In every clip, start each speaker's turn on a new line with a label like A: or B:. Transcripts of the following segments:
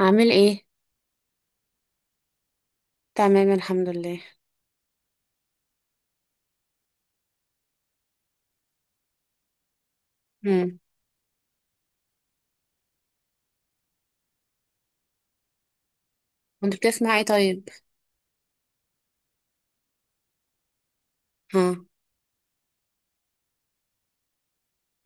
A: عامل ايه؟ تمام، الحمد لله. امم. كنت بتسمع ايه طيب؟ ها.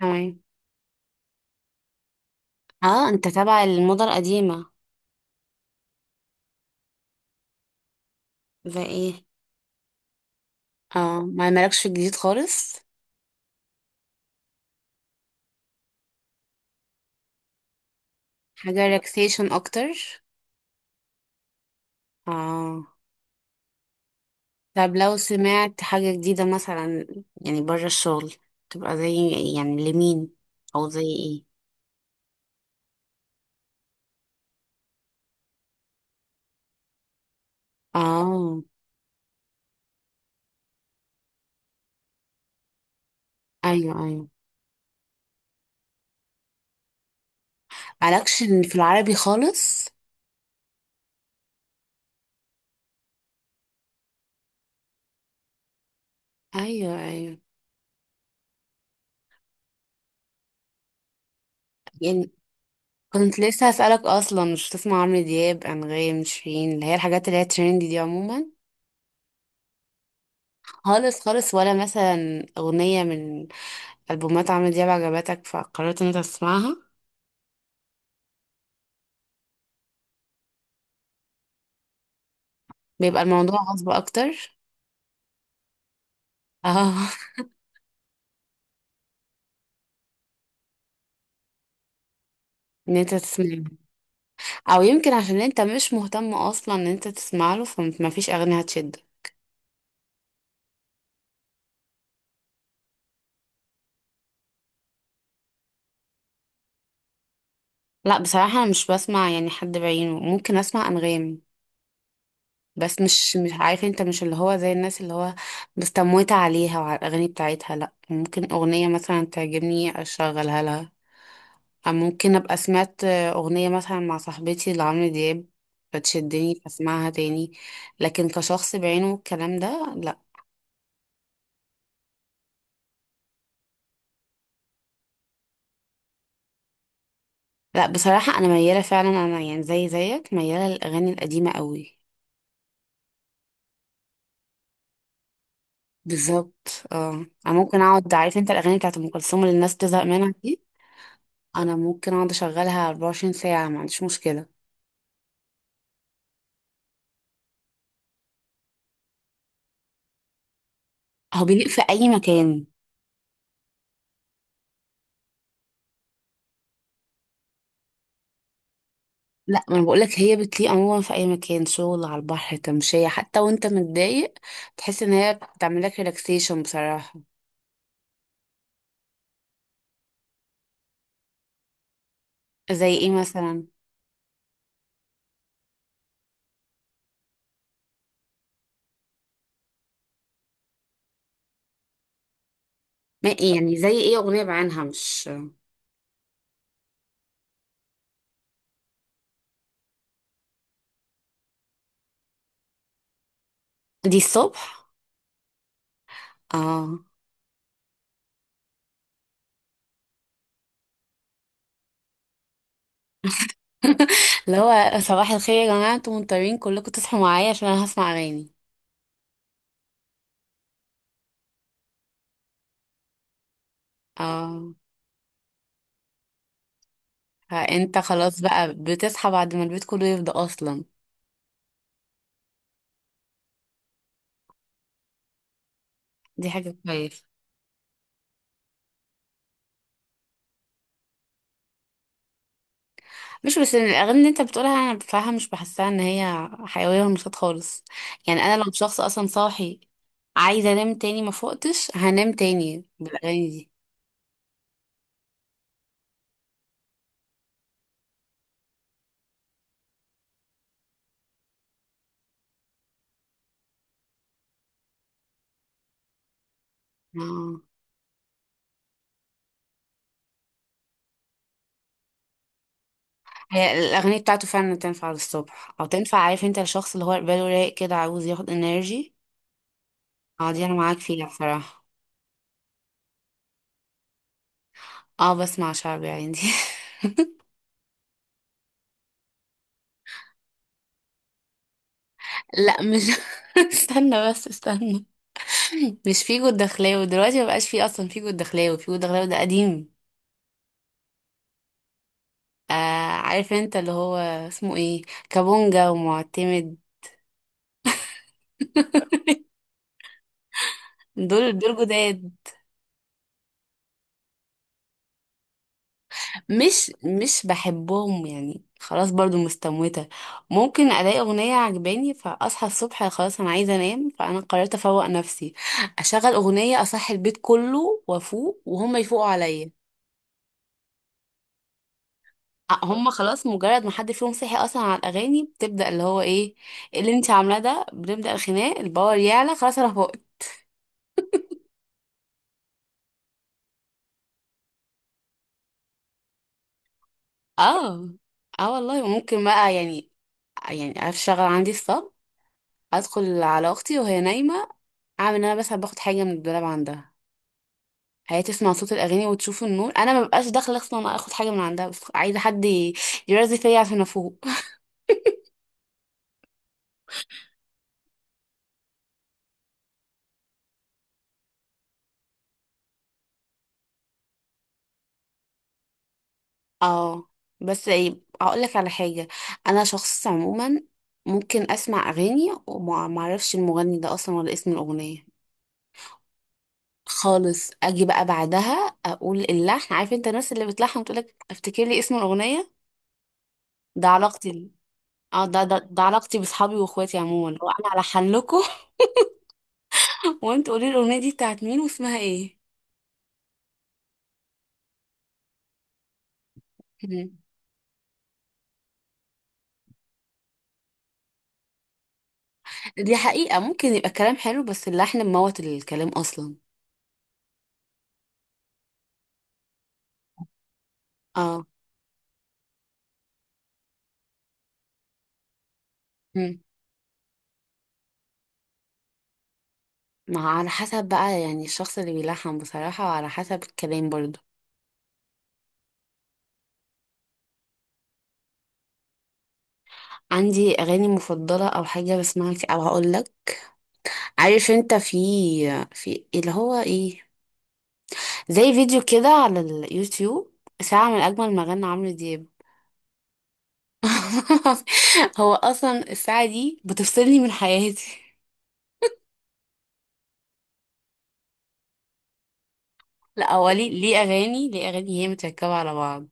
A: تمام. اه، انت تابع الموضة القديمة. زي ايه؟ اه، ما مالكش في الجديد خالص. حاجة ريلاكسيشن اكتر. اه. طب لو سمعت حاجة جديدة مثلا، يعني بره الشغل، تبقى زي، يعني لمين او زي ايه؟ اه، ايوه ايوه، مالكش في العربي خالص. ايوه ايوه، يعني كنت لسه هسألك أصلا، مش بتسمع عمرو دياب، أنغام، شيرين، اللي هي الحاجات اللي هي تريندي دي عموما؟ خالص خالص. ولا مثلا أغنية من ألبومات عمرو دياب عجبتك فقررت إن أنت تسمعها؟ بيبقى الموضوع غصب أكتر. اه. إن أنت تسمعها. أو يمكن عشان أنت مش مهتم أصلا إن أنت تسمع له، فمفيش أغنية هتشد. لا، بصراحة أنا مش بسمع يعني حد بعينه. ممكن أسمع أنغام، بس مش عارف انت، مش اللي هو زي الناس اللي هو مستموتة عليها وعلى الأغاني بتاعتها، لأ. ممكن أغنية مثلا تعجبني أشغلها لها، أو ممكن أبقى سمعت أغنية مثلا مع صاحبتي لعمرو دياب فتشدني فاسمعها تاني. لكن كشخص بعينه والكلام ده، لأ. لأ بصراحة، أنا ميالة فعلا، أنا يعني زي زيك ميالة للأغاني القديمة قوي. بالظبط. اه، أنا ممكن أقعد، عارف انت الأغاني بتاعت أم كلثوم اللي الناس تزهق منها دي؟ أنا ممكن أقعد أشغلها 24 ساعة ما عنديش مشكلة. هو بيليق في اي مكان. لا، ما انا بقولك هي بتليق عموما في اي مكان، شغل، على البحر، تمشية، حتى وانت متضايق تحس ان هي بتعمل لك ريلاكسيشن بصراحة. زي ايه مثلا؟ ما إيه يعني، زي ايه؟ اغنية بعينها مش. دي الصبح؟ اه. اللي هو صباح الخير يا جماعة، انتوا مضطرين كلكم تصحوا معايا عشان انا هسمع اغاني. اه، فانت خلاص بقى بتصحى بعد ما البيت كله يفضى اصلا. دي حاجة كويسة. مش بس الاغاني اللي انت بتقولها، انا بصراحه مش بحسها ان هي حيويه ونشاط خالص. يعني انا لو شخص اصلا صاحي عايزه انام تاني، ما فقتش هنام تاني بالاغاني دي. اه، هي الاغاني بتاعته فعلا تنفع للصبح، او تنفع عارف انت الشخص اللي هو باله رايق كده عاوز ياخد انرجي. اه، دي انا معاك فيها بصراحه. اه، بسمع شعبي عندي. لا، مش. استنى بس استنى، مش فيجو الدخلاوي دلوقتي. مبقاش فيه اصلا فيجو الدخلاوي. فيجو الدخلاوي ده قديم. آه، عارف انت اللي هو اسمه ايه، كابونجا ومعتمد. دول دول جداد. مش بحبهم يعني، خلاص، برضو مستموتة. ممكن الاقي اغنية عجباني فاصحى الصبح، خلاص انا عايزة انام، فانا قررت افوق نفسي. اشغل اغنية، اصحي البيت كله وافوق وهم يفوقوا عليا. هم خلاص مجرد ما حد فيهم صحي اصلا على الاغاني بتبدأ، اللي هو ايه، إيه اللي انت عاملاه ده. بنبدأ الخناق، الباور يعلى، خلاص انا فوقت. اه. اه والله. وممكن بقى يعني اشتغل عندي الصبح، ادخل على اختي وهي نايمه، اعمل ان انا بس باخد حاجه من الدولاب عندها. هي تسمع صوت الاغاني وتشوف النور، انا مبقاش داخله اصلا، انا اخد حاجه من عندها بس عايزه حد يرازي فيا عشان افوق. اه، بس ايه، هقول لك على حاجه. انا شخص عموما ممكن اسمع اغاني وما ما اعرفش المغني ده اصلا ولا اسم الاغنيه خالص. اجي بقى بعدها اقول اللحن، عارف انت الناس اللي بتلحن وتقولك افتكر لي اسم الاغنيه؟ ده علاقتي. اه، ده علاقتي باصحابي واخواتي عموما، لو انا الحن لكم وانتوا قولي لي الاغنيه دي بتاعت مين واسمها ايه. مم. دي حقيقه، ممكن يبقى الكلام حلو بس اللحن مموت الكلام اصلا. اه. مم. ما على حسب بقى، يعني الشخص اللي بيلحن بصراحه، وعلى حسب الكلام برضو. عندي اغاني مفضله او حاجه بسمعها كتير- او هقول لك، عارف انت، في اللي هو ايه، زي فيديو كده على اليوتيوب، ساعة من أجمل مغنى عمرو دياب. هو أصلا الساعة دي بتفصلني من حياتي. لا هو ليه أغاني، ليه أغاني؟ هي متركبة على بعض،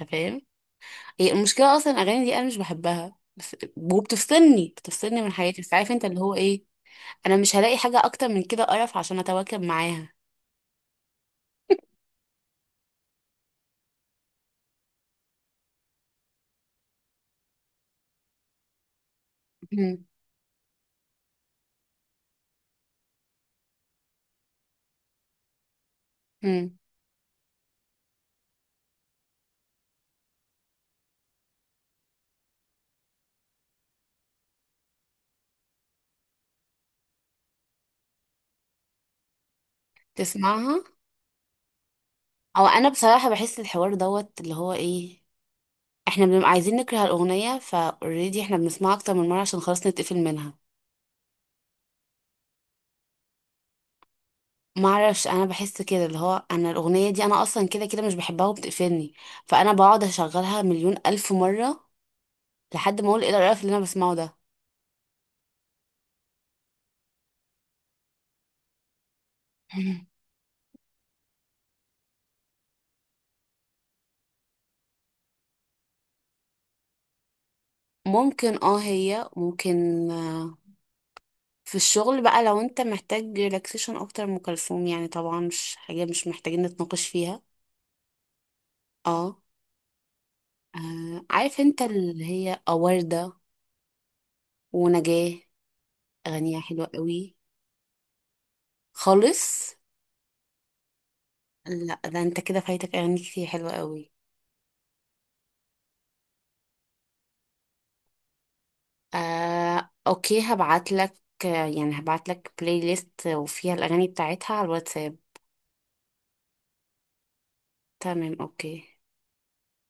A: أنت فاهم. هي المشكلة أصلا الأغاني دي أنا مش بحبها بس، وبتفصلني بتفصلني من حياتي، بس عارف أنت اللي هو إيه، أنا مش هلاقي حاجة أكتر من كده قرف عشان أتواكب معاها. مم. مم. تسمعها. أو أنا بصراحة بحس الحوار دوت اللي هو إيه، احنا بنبقى عايزين نكره الاغنيه فاوريدي، احنا بنسمعها اكتر من مره عشان خلاص نتقفل منها. ما اعرفش، انا بحس كده اللي هو انا الاغنيه دي انا اصلا كده كده مش بحبها وبتقفلني، فانا بقعد اشغلها مليون الف مره لحد ما اقول ايه القرف اللي انا بسمعه ده. ممكن اه، هي ممكن. آه، في الشغل بقى، لو انت محتاج ريلاكسيشن اكتر من ام كلثوم، يعني طبعا مش حاجه مش محتاجين نتناقش فيها. اه. عارف انت اللي هي وردة ونجاة. اغانيها حلوه قوي. خالص. لا، ده انت كده فايتك اغاني كتير حلوة قوي. اوكي، هبعت لك، يعني هبعت لك بلاي ليست وفيها الاغاني بتاعتها على الواتساب. تمام، اوكي.